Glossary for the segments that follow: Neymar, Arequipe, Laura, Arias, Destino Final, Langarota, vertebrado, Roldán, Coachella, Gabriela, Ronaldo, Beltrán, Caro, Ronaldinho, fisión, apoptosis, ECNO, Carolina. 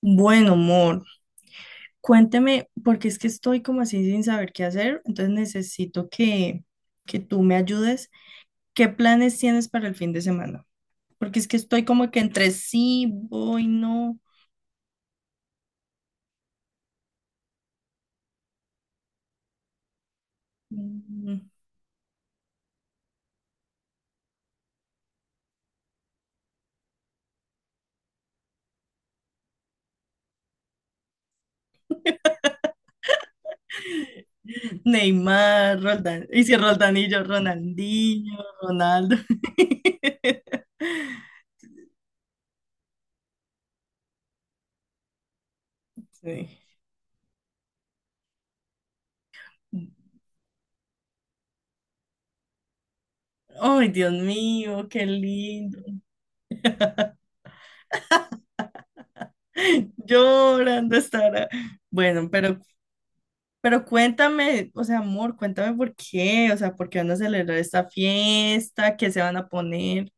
Bueno, amor, cuénteme, porque es que estoy como así sin saber qué hacer, entonces necesito que tú me ayudes. ¿Qué planes tienes para el fin de semana? Porque es que estoy como que entre sí, voy, no. Mm. Neymar, Roldán, y si Roldanillo, Ronaldinho, Ronaldo. Sí. Ay, Dios mío, qué lindo. Llorando estará. Bueno, pero Pero cuéntame, o sea, amor, cuéntame por qué, o sea, por qué van a celebrar esta fiesta, qué se van a poner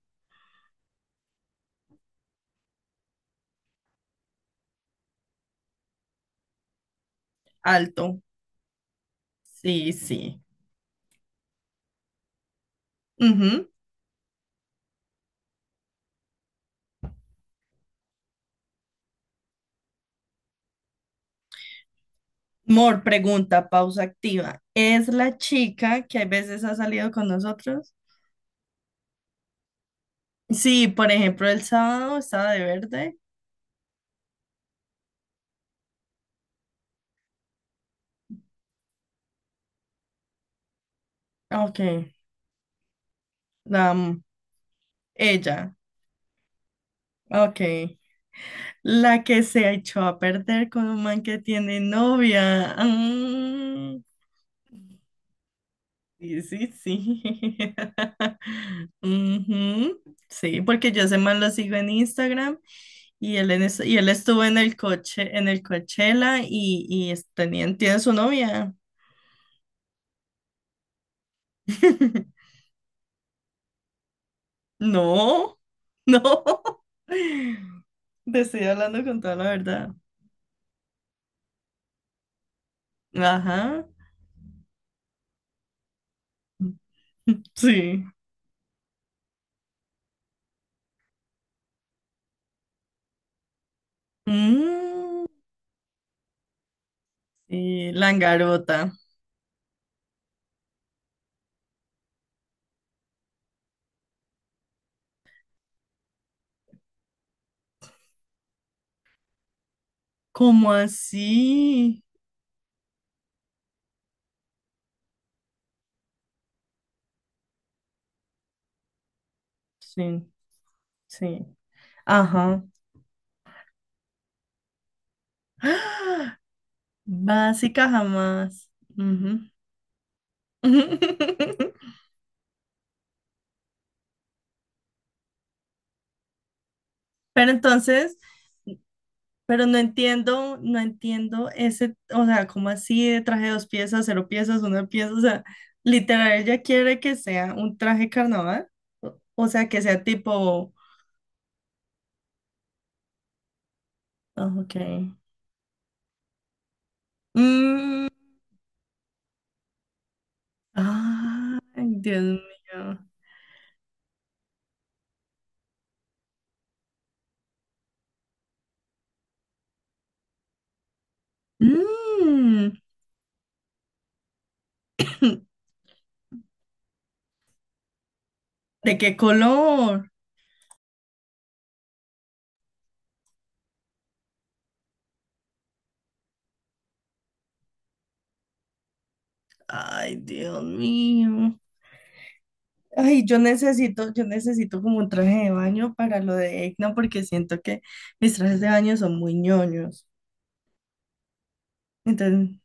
alto. Sí, sí. Ujú. Mor, pregunta, pausa activa. ¿Es la chica que a veces ha salido con nosotros? Sí, por ejemplo, el sábado estaba de verde. Ah, ok, la amo. Ella. Ah, ok. La que se echó a perder con un man que tiene novia. Ah. Sí, sí, sí. Ujú. Sí, porque yo ese man lo sigo en Instagram y él, y él estuvo en el coche, en el Coachella y, tenían, tiene su novia. No, no. Te estoy hablando con toda la verdad. Ajá, sí. Mm, sí, Langarota. ¿Cómo así? Sí, sí. Ajá. Básica jamás. Ujú. Pero entonces, pero no entiendo, no entiendo ese, o sea, ¿cómo así de traje de dos piezas, cero piezas, una pieza? O sea, literal, ella quiere que sea un traje carnaval, o sea, que sea tipo, ah, ok. Mm, ay, Dios mío. Mm. ¿De qué color? Ay, Dios mío. Ay, yo necesito como un traje de baño para lo de ECNO porque siento que mis trajes de baño son muy ñoños. Entonces,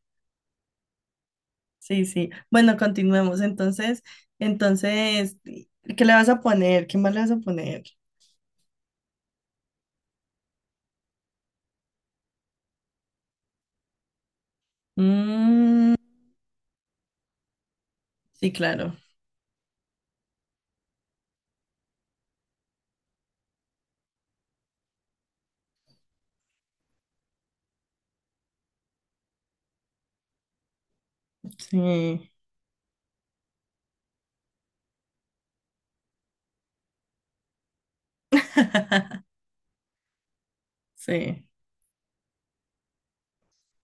sí, sí. Bueno, continuemos. Entonces, ¿qué le vas a poner? ¿Qué más le vas a poner? Mm, sí, claro. Sí, sí.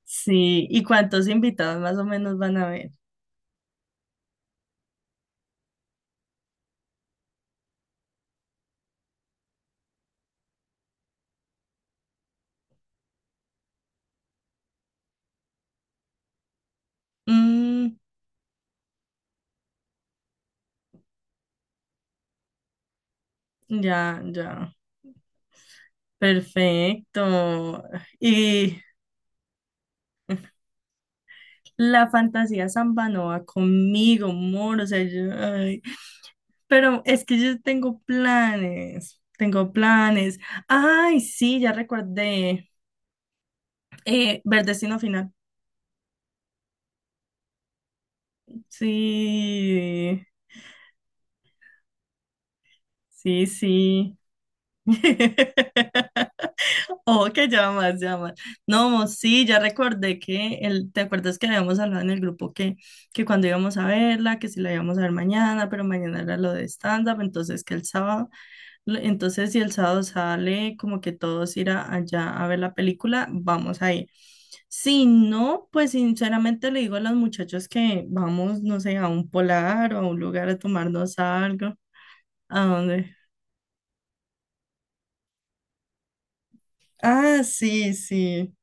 Sí. ¿Y cuántos invitados más o menos van a haber? Mm, ya, ya. Perfecto. Y la fantasía samba no va conmigo, amor, o sea, yo, ay, pero es que yo tengo planes, tengo planes. Ay, sí, ya recordé, ver Destino Final. Sí, sí, sí. Oh, que llamas, llamas. No, mo, sí, ya recordé ¿te acuerdas que habíamos hablado en el grupo que cuando íbamos a verla, que si la íbamos a ver mañana, pero mañana era lo de stand-up, entonces que el sábado. Entonces, si el sábado sale como que todos allá a ver la película, vamos a ir. Si no, pues sinceramente le digo a los muchachos que vamos, no sé, a un polar o a un lugar a tomarnos algo. ¿A dónde? Ah, sí, sí.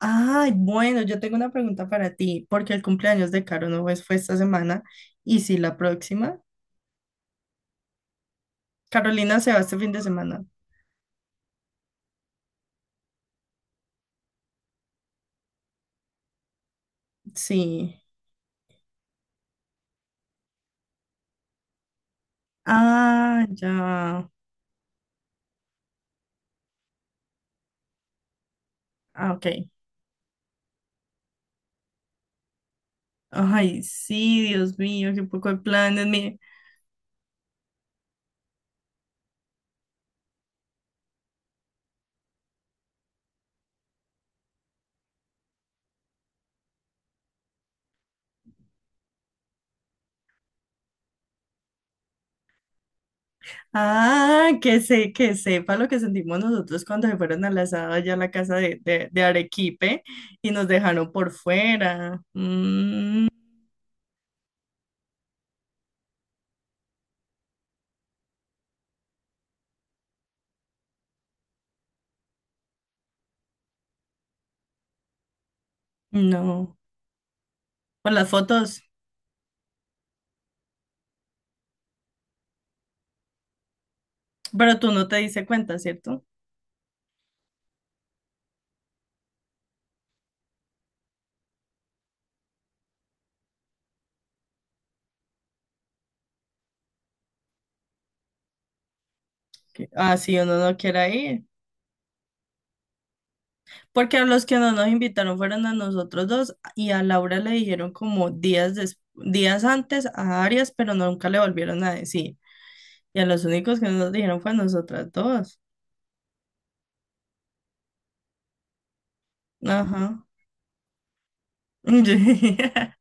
Ay, bueno, yo tengo una pregunta para ti, porque el cumpleaños de Caro no es- fue esta semana y sí la próxima. Carolina se va este fin de semana. Sí. Ah, ya. Ah, ok. Ay, sí, Dios mío, qué poco de planes, mire. Ah, que sepa lo que sentimos nosotros cuando se fueron al asado allá a la casa de Arequipe y nos dejaron por fuera. Mm, no, por las fotos, pero tú no te diste cuenta, ¿cierto? Que, ah, sí, uno no quiere ir. Porque a los que no nos invitaron fueron a nosotros dos y a Laura le dijeron como días antes a Arias, pero nunca le volvieron a decir. Y a los únicos que no nos dijeron fue a nosotras dos. Ajá.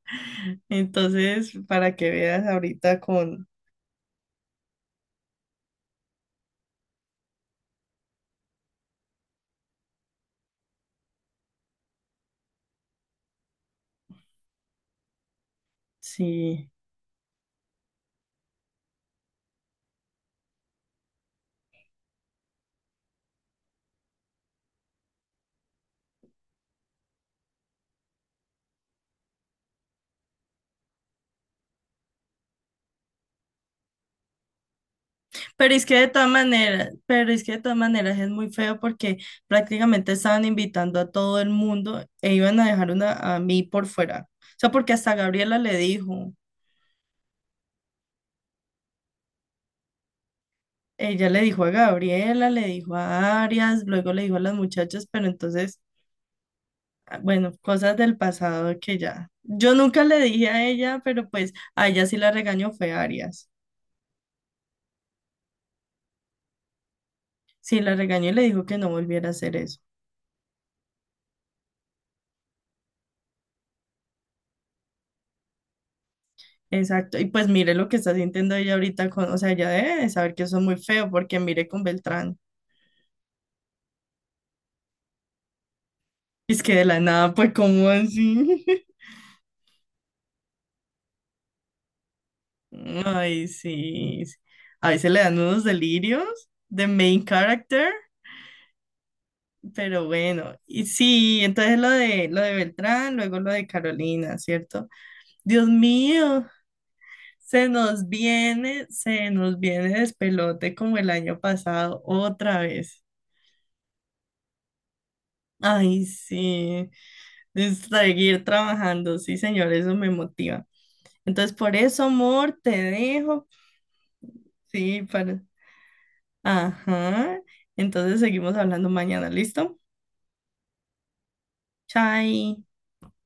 Entonces, para que veas ahorita con... Sí. Pero es que de todas maneras es muy feo porque prácticamente estaban invitando a todo el mundo e iban a dejar una, a mí por fuera. O sea, porque hasta Gabriela le dijo, ella le dijo a Gabriela, le dijo a Arias, luego le dijo a las muchachas, pero entonces... ah, bueno, cosas del pasado que ya. Yo nunca le dije a ella, pero pues a ella sí la regañó fue Arias. Sí la regañó y le dijo que no volviera a hacer eso. Exacto. Y pues mire lo que está sintiendo ella ahorita con, o sea, ella debe de saber que eso es muy feo porque mire con Beltrán. Es que de la nada, pues, ¿cómo así? Ay, sí. Sí. A veces le dan unos delirios de main character, pero bueno. Y sí, entonces lo de Beltrán, luego lo de Carolina, ¿cierto? Dios mío. Se nos viene despelote como el año pasado otra vez. Ay, sí, de seguir trabajando, sí, señor, eso me motiva. Entonces, por eso, amor, te dejo. Sí, para... Ajá. Entonces, seguimos hablando mañana, ¿listo? Chai.